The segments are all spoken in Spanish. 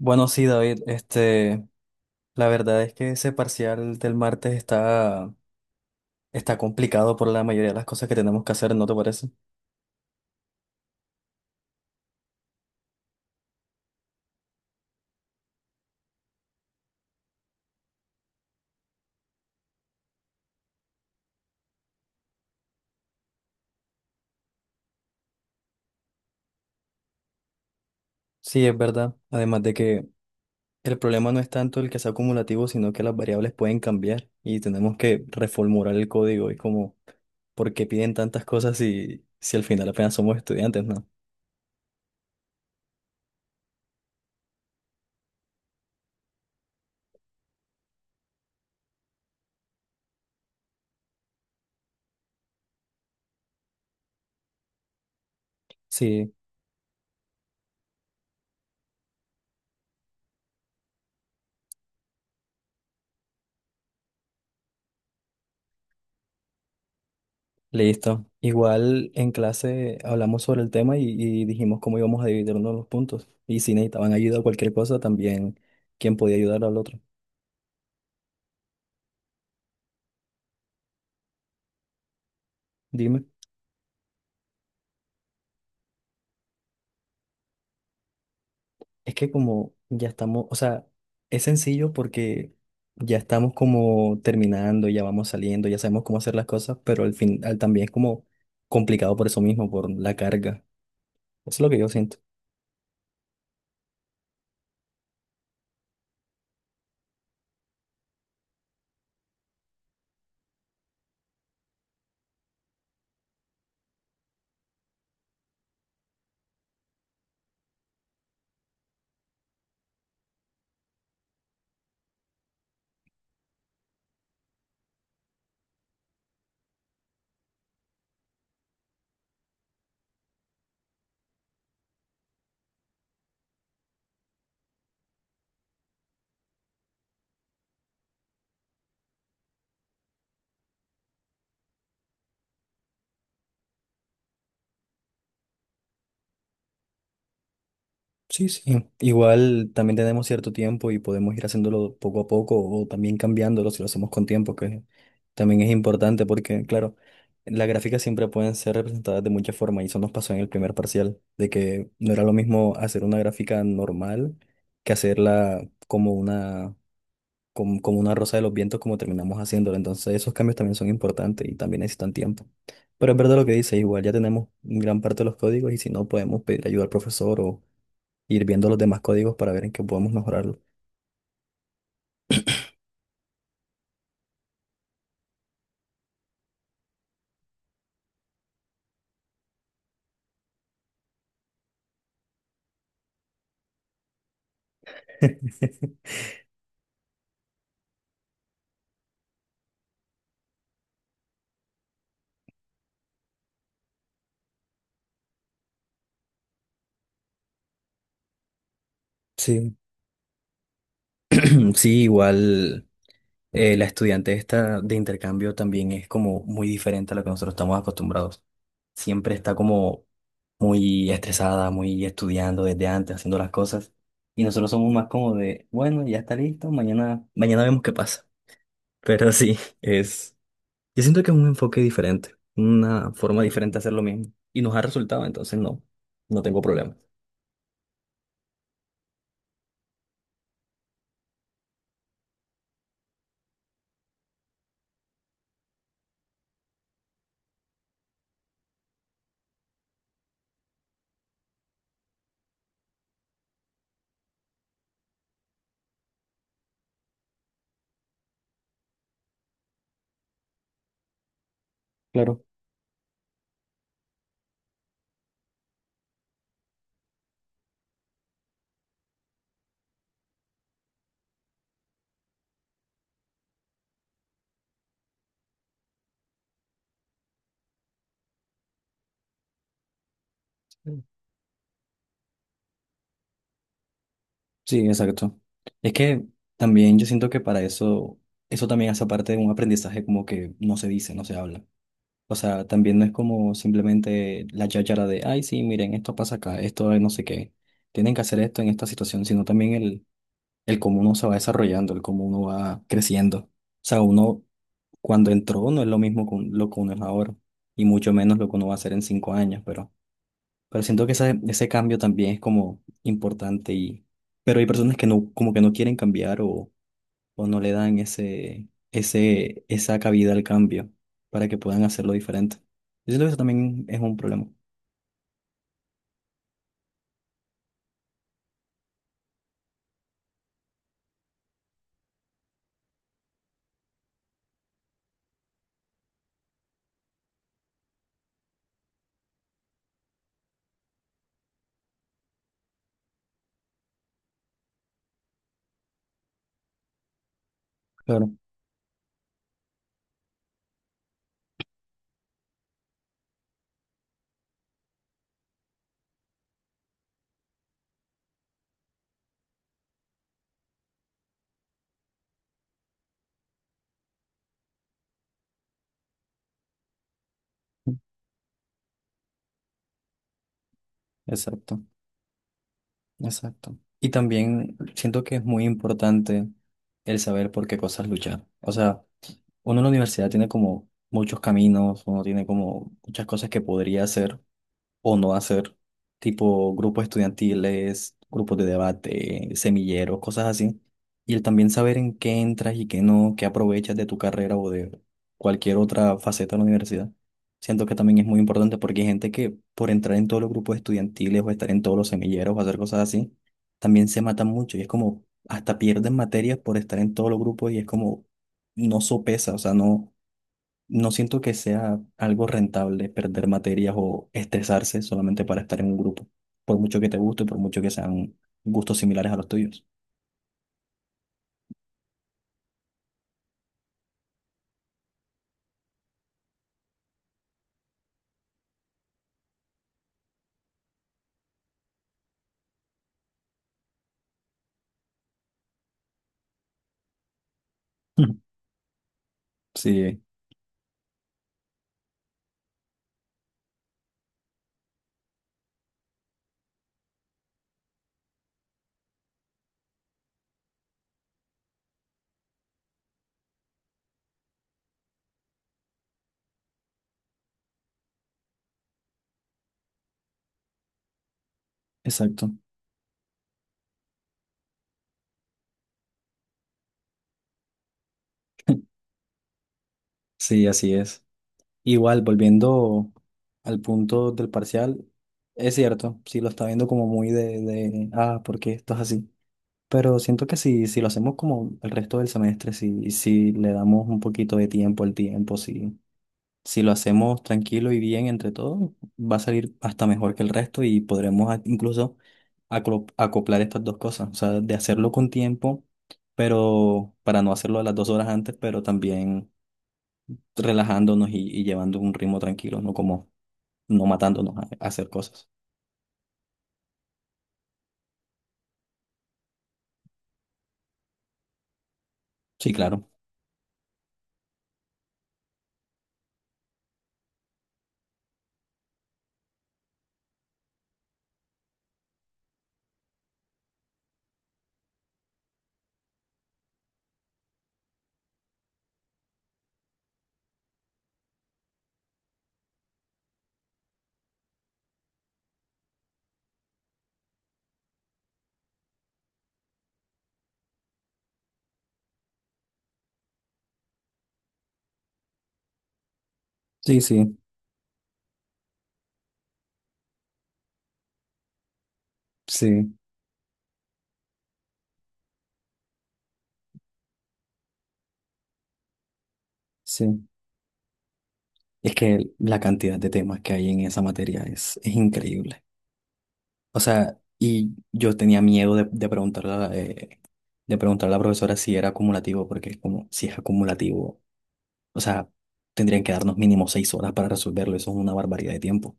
Bueno, sí, David, la verdad es que ese parcial del martes está complicado por la mayoría de las cosas que tenemos que hacer, ¿no te parece? Sí, es verdad. Además de que el problema no es tanto el que sea acumulativo, sino que las variables pueden cambiar y tenemos que reformular el código. Es como, ¿por qué piden tantas cosas si al final apenas somos estudiantes, ¿no? Sí. Listo. Igual en clase hablamos sobre el tema y dijimos cómo íbamos a dividirnos los puntos. Y si necesitaban ayuda o cualquier cosa, también quién podía ayudar al otro. Dime. Es que como ya estamos, o sea, es sencillo porque ya estamos como terminando, ya vamos saliendo, ya sabemos cómo hacer las cosas, pero al final también es como complicado por eso mismo, por la carga. Eso es lo que yo siento. Sí, sí. Igual también tenemos cierto tiempo y podemos ir haciéndolo poco a poco o también cambiándolo si lo hacemos con tiempo, que también es importante porque, claro, las gráficas siempre pueden ser representadas de muchas formas y eso nos pasó en el primer parcial, de que no era lo mismo hacer una gráfica normal que hacerla como una, como, como una rosa de los vientos como terminamos haciéndola. Entonces esos cambios también son importantes y también necesitan tiempo. Pero es verdad lo que dice, igual ya tenemos gran parte de los códigos y si no podemos pedir ayuda al profesor o ir viendo los demás códigos para ver en qué podemos mejorarlo. Sí, sí, igual la estudiante esta de intercambio también es como muy diferente a lo que nosotros estamos acostumbrados. Siempre está como muy estresada, muy estudiando desde antes, haciendo las cosas. Y nosotros somos más como de, bueno, ya está listo, mañana, mañana vemos qué pasa. Pero sí, es, yo siento que es un enfoque diferente, una forma diferente de hacer lo mismo. Y nos ha resultado, entonces no, no tengo problema. Claro. Sí, exacto. Es que también yo siento que para eso, eso también hace parte de un aprendizaje como que no se dice, no se habla. O sea, también no es como simplemente la cháchara de, ay, sí, miren, esto pasa acá, esto es no sé qué. Tienen que hacer esto en esta situación, sino también el cómo uno se va desarrollando, el cómo uno va creciendo. O sea, uno cuando entró no es lo mismo con lo que uno es ahora, y mucho menos lo que uno va a hacer en 5 años, pero siento que ese cambio también es como importante y... Pero hay personas que no, como que no quieren cambiar o no le dan ese, ese, esa cabida al cambio para que puedan hacerlo diferente. Yo siento que eso también es un problema. Claro, exacto, exacto. Y también siento que es muy importante el saber por qué cosas luchar. O sea, uno en la universidad tiene como muchos caminos, uno tiene como muchas cosas que podría hacer o no hacer, tipo grupos estudiantiles, grupos de debate, semilleros, cosas así. Y el también saber en qué entras y qué no, qué aprovechas de tu carrera o de cualquier otra faceta de la universidad. Siento que también es muy importante porque hay gente que por entrar en todos los grupos estudiantiles o estar en todos los semilleros o hacer cosas así, también se matan mucho y es como hasta pierden materias por estar en todos los grupos y es como no sopesa, o sea, no, no siento que sea algo rentable perder materias o estresarse solamente para estar en un grupo, por mucho que te guste, por mucho que sean gustos similares a los tuyos. Ujú. Sí, exacto. Sí, así es. Igual, volviendo al punto del parcial, es cierto, sí lo está viendo como muy ah, ¿por qué esto es así? Pero siento que si lo hacemos como el resto del semestre, si le damos un poquito de tiempo al tiempo, si si lo hacemos tranquilo y bien entre todos, va a salir hasta mejor que el resto y podremos incluso acoplar estas dos cosas. O sea, de hacerlo con tiempo, pero para no hacerlo a las 2 horas antes, pero también relajándonos y llevando un ritmo tranquilo, no como no matándonos a hacer cosas. Sí, claro. Sí, sí, sí, sí. Es que la cantidad de temas que hay en esa materia es increíble. O sea, y yo tenía miedo de preguntarle a de preguntarle a la profesora si era acumulativo, porque es como, si es acumulativo, o sea, tendrían que darnos mínimo 6 horas para resolverlo, eso es una barbaridad de tiempo.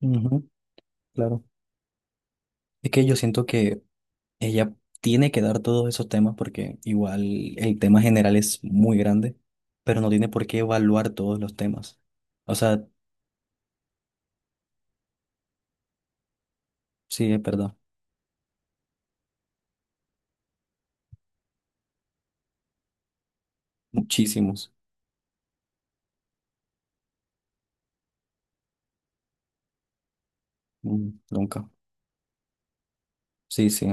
Ujú, claro. Es que yo siento que ella tiene que dar todos esos temas porque igual el tema general es muy grande, pero no tiene por qué evaluar todos los temas. O sea, sí, es verdad, muchísimos, mm, nunca. Sí, sí,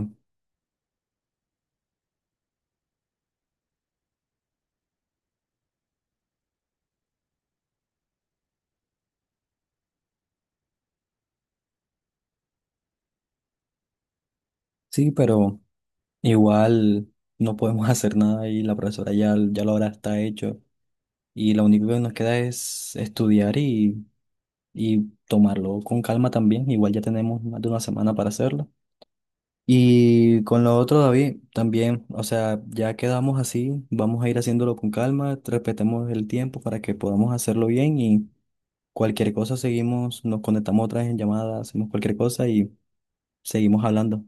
sí, pero... Igual no podemos hacer nada y la profesora ya, ya lo habrá está hecho. Y lo único que nos queda es estudiar y tomarlo con calma también. Igual ya tenemos más de una semana para hacerlo. Y con lo otro, David, también, o sea, ya quedamos así, vamos a ir haciéndolo con calma, respetemos el tiempo para que podamos hacerlo bien y cualquier cosa seguimos, nos conectamos otra vez en llamada, hacemos cualquier cosa y seguimos hablando.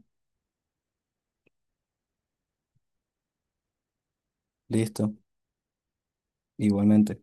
Listo, igualmente.